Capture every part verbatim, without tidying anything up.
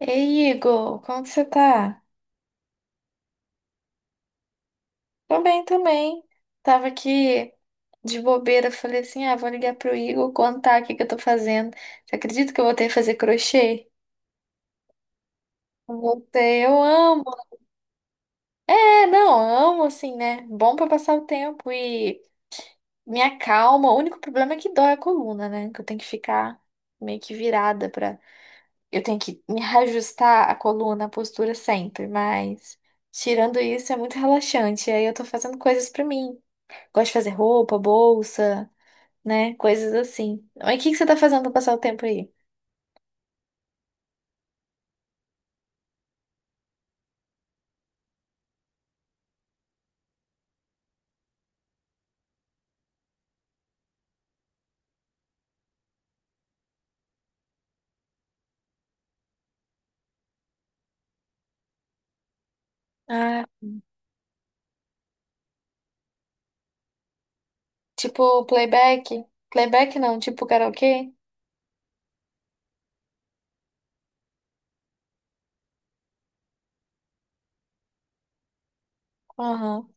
Ei, Igor, como que você tá? Tô bem também. Tava aqui de bobeira, falei assim, ah, vou ligar pro Igor contar o que que eu tô fazendo. Você acredita que eu voltei a fazer crochê? Voltei, eu amo. É, não, amo assim, né? Bom pra passar o tempo e me acalma. O único problema é que dói a coluna, né? Que eu tenho que ficar meio que virada pra. Eu tenho que me reajustar a coluna, a postura sempre, mas. Tirando isso, é muito relaxante. E aí eu tô fazendo coisas pra mim. Gosto de fazer roupa, bolsa, né? Coisas assim. Mas o que que você tá fazendo pra passar o tempo aí? Ah, tipo playback? Playback não, tipo karaokê? Aham.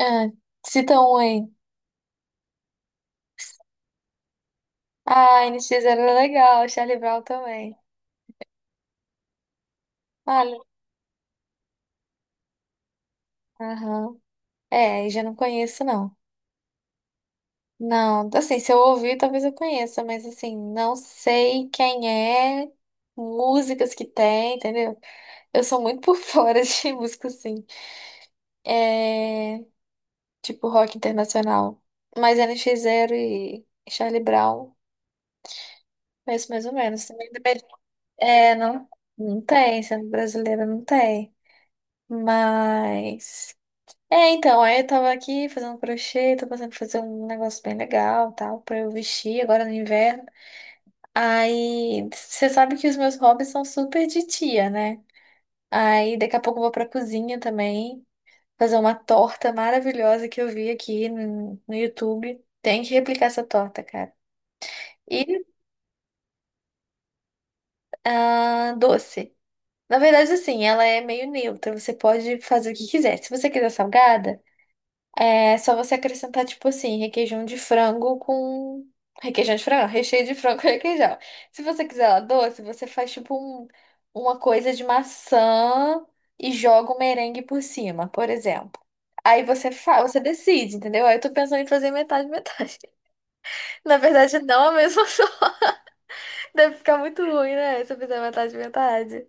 Ah, cita um aí. Ah, N X era legal, Charlie Brown também. Olha, aham. É, já não conheço, não. Não, assim, se eu ouvir, talvez eu conheça, mas assim, não sei quem é, músicas que tem, entendeu? Eu sou muito por fora de música, assim. É, tipo rock internacional. Mas N X Zero e Charlie Brown, conheço mais ou menos. Também depende. É, não, não tem, sendo brasileira não tem. Mas. É, então, aí eu tava aqui fazendo crochê, tô pensando em fazer um negócio bem legal, tal, pra eu vestir agora no inverno. Aí, você sabe que os meus hobbies são super de tia, né? Aí, daqui a pouco eu vou pra cozinha também, fazer uma torta maravilhosa que eu vi aqui no, no YouTube. Tem que replicar essa torta, cara. E a doce. Na verdade, assim, ela é meio neutra. Você pode fazer o que quiser. Se você quiser salgada, é só você acrescentar, tipo assim, requeijão de frango com. Requeijão de frango, recheio de frango com requeijão. Se você quiser ela doce, você faz, tipo, um- uma coisa de maçã e joga um merengue por cima, por exemplo. Aí você faz, você decide, entendeu? Aí eu tô pensando em fazer metade, metade. Na verdade, não é a mesma. Deve ficar muito ruim, né? Se eu fizer metade, metade.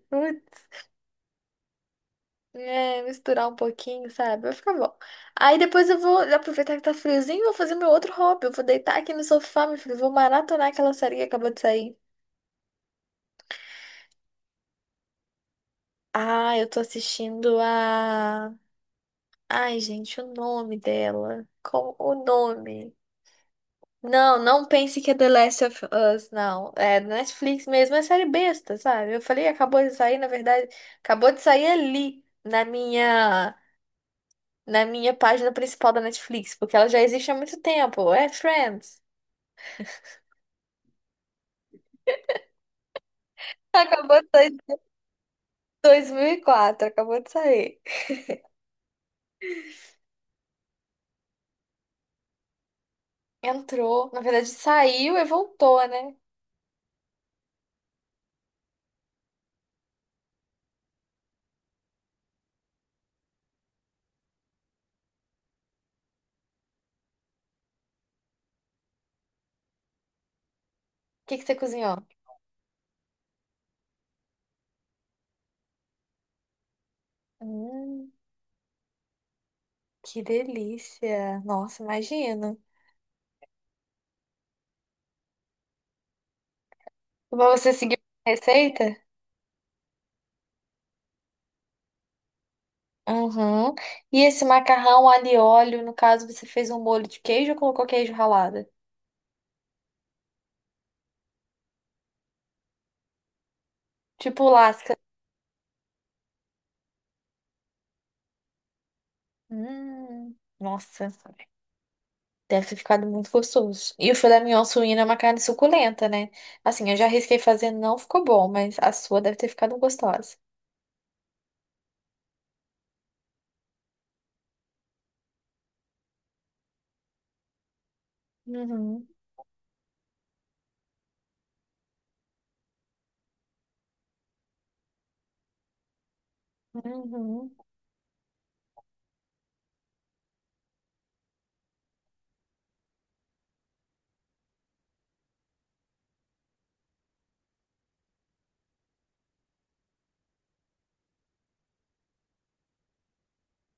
É, misturar um pouquinho, sabe? Vai ficar bom. Aí depois eu vou aproveitar que tá friozinho e vou fazer meu outro hobby. Eu vou deitar aqui no sofá, meu filho. Vou maratonar aquela série que acabou de sair. Ah, eu tô assistindo a. Ai, gente, o nome dela. Como o nome? Não, não pense que é The Last of Us, não. É Netflix mesmo, é série besta, sabe? Eu falei, acabou de sair, na verdade, acabou de sair ali na minha. na minha página principal da Netflix, porque ela já existe há muito tempo. É Friends. Acabou de sair dois mil e quatro, acabou de sair. Entrou, na verdade saiu e voltou, né? O que que você cozinhou? Hum, que delícia. Nossa, imagino. Mas você seguiu a receita? Uhum. E esse macarrão alho e óleo, no caso, você fez um molho de queijo ou colocou queijo ralado? Tipo lasca. Hum, nossa. Deve ter ficado muito gostoso. E o filé mignon suíno é uma carne suculenta, né? Assim, eu já arrisquei fazer, não ficou bom, mas a sua deve ter ficado gostosa. Uhum, uhum.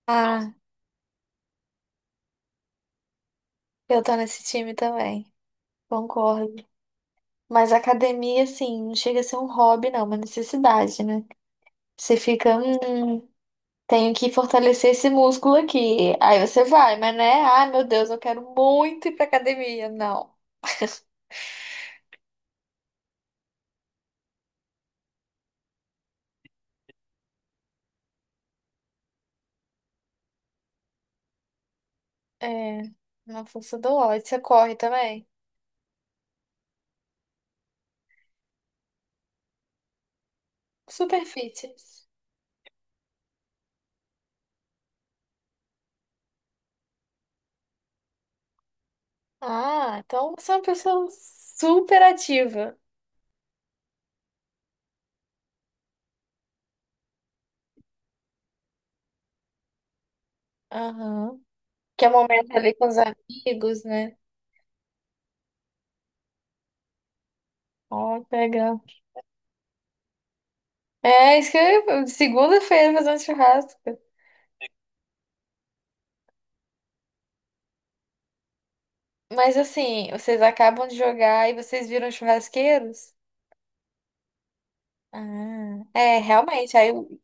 Ah, eu tô nesse time também. Concordo. Mas a academia, assim, não chega a ser um hobby, não, é uma necessidade, né? Você fica, hum, tenho que fortalecer esse músculo aqui. Aí você vai, mas né? Ai, meu Deus, eu quero muito ir pra academia. Não. É, na força do ódio. Você corre também? Super fit. Ah, então você é uma pessoa super ativa. Aham. Que é o momento ali com os amigos, né? Ó, que legal. É, isso que eu. Segunda-feira fazendo um churrasco. Mas assim, vocês acabam de jogar e vocês viram churrasqueiros? Ah, é, realmente. Aí eu.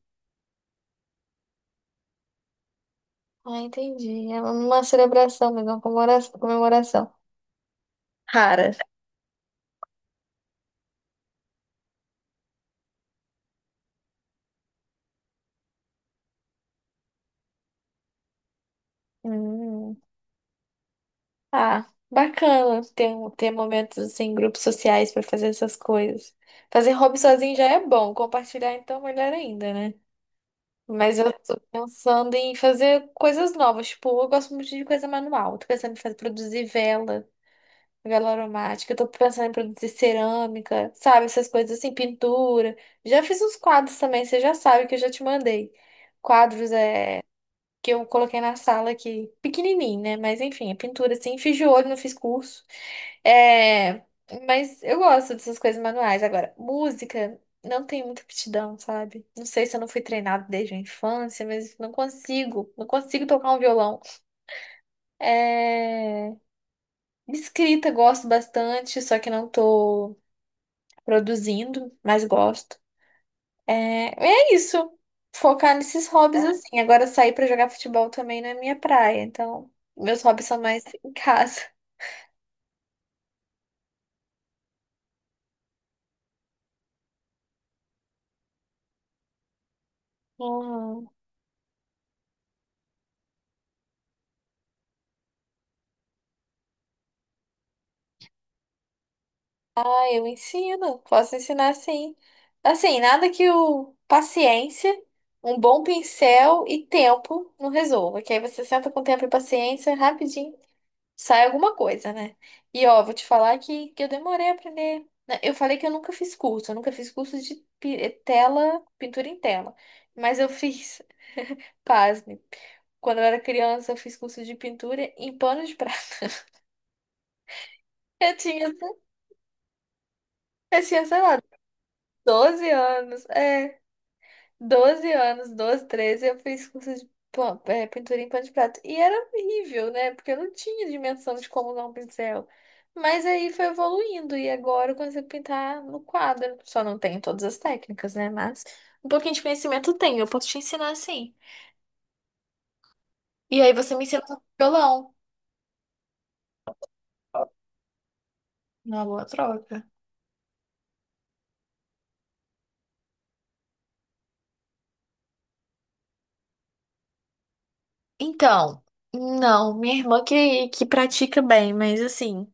Ah, entendi. É uma celebração, mas uma comemoração. Comemoração. Rara. Hum. Ah, bacana ter, um- ter momentos assim, em grupos sociais pra fazer essas coisas. Fazer hobby sozinho já é bom, compartilhar então melhor ainda, né? Mas eu tô pensando em fazer coisas novas, tipo, eu gosto muito de coisa manual. Tô pensando em fazer, produzir vela, vela aromática, eu tô pensando em produzir cerâmica, sabe, essas coisas assim, pintura. Já fiz uns quadros também, você já sabe que eu já te mandei. Quadros que eu coloquei na sala aqui, pequenininho, né? Mas enfim, é pintura assim, fiz de olho, não fiz curso. É, mas eu gosto dessas coisas manuais. Agora, música, não tenho muita aptidão, sabe? Não sei se eu não fui treinada desde a infância, mas não consigo, não consigo tocar um violão. É, escrita, gosto bastante, só que não tô produzindo, mas gosto. É, é isso. Focar nesses hobbies. Tá? Assim. Agora sair pra jogar futebol também não é minha praia. Então, meus hobbies são mais em casa. Uhum. Ah, eu ensino. Posso ensinar sim. Assim, nada que o paciência, um bom pincel e tempo não resolva. Que aí você senta com tempo e paciência rapidinho. Sai alguma coisa, né? E ó, vou te falar que, que eu demorei a aprender. Né? Eu falei que eu nunca fiz curso, eu nunca fiz curso de pi- eh, tela, pintura em tela. Mas eu fiz, pasme, quando eu era criança, eu fiz curso de pintura em pano de prata. Eu tinha, eu tinha, sei lá, doze anos. É. Doze anos, doze treze eu fiz curso de pan- é, pintura em pano de prato. E era horrível, né? Porque eu não tinha dimensão de como usar um pincel. Mas aí foi evoluindo e agora eu consigo pintar no quadro. Só não tenho todas as técnicas, né? Mas um pouquinho de conhecimento eu tenho, eu posso te ensinar assim. E aí você me ensina a tocar violão. Uma boa troca. Então, não, minha irmã que, que pratica bem, mas assim.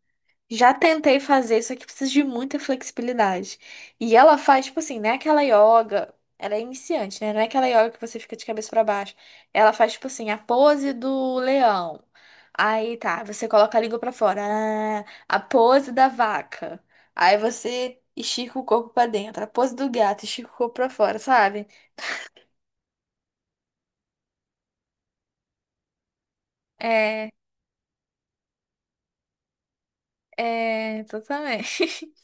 Já tentei fazer, só que precisa de muita flexibilidade. E ela faz, tipo assim, não é aquela yoga. Ela é iniciante, né? Não é aquela yoga que você fica de cabeça pra baixo. Ela faz, tipo assim, a pose do leão. Aí tá, você coloca a língua pra fora. Ah, a pose da vaca. Aí você estica o corpo pra dentro. A pose do gato, estica o corpo pra fora, sabe? É, é, totalmente.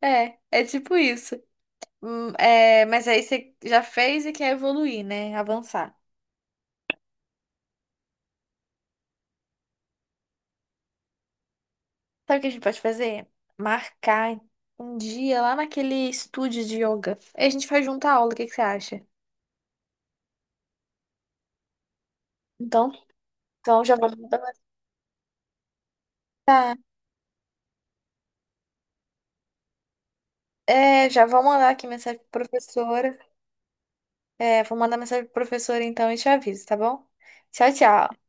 É, é tipo isso. Hum, é, mas aí você já fez e quer evoluir, né? Avançar. Sabe o que a gente pode fazer? Marcar um dia lá naquele estúdio de yoga. Aí a gente faz junto a aula, o que que você acha? Então, então já vou mandar. Tá. É, já vou mandar aqui mensagem pro professora. É, vou mandar mensagem pro professora então e te aviso, tá bom? Tchau, tchau.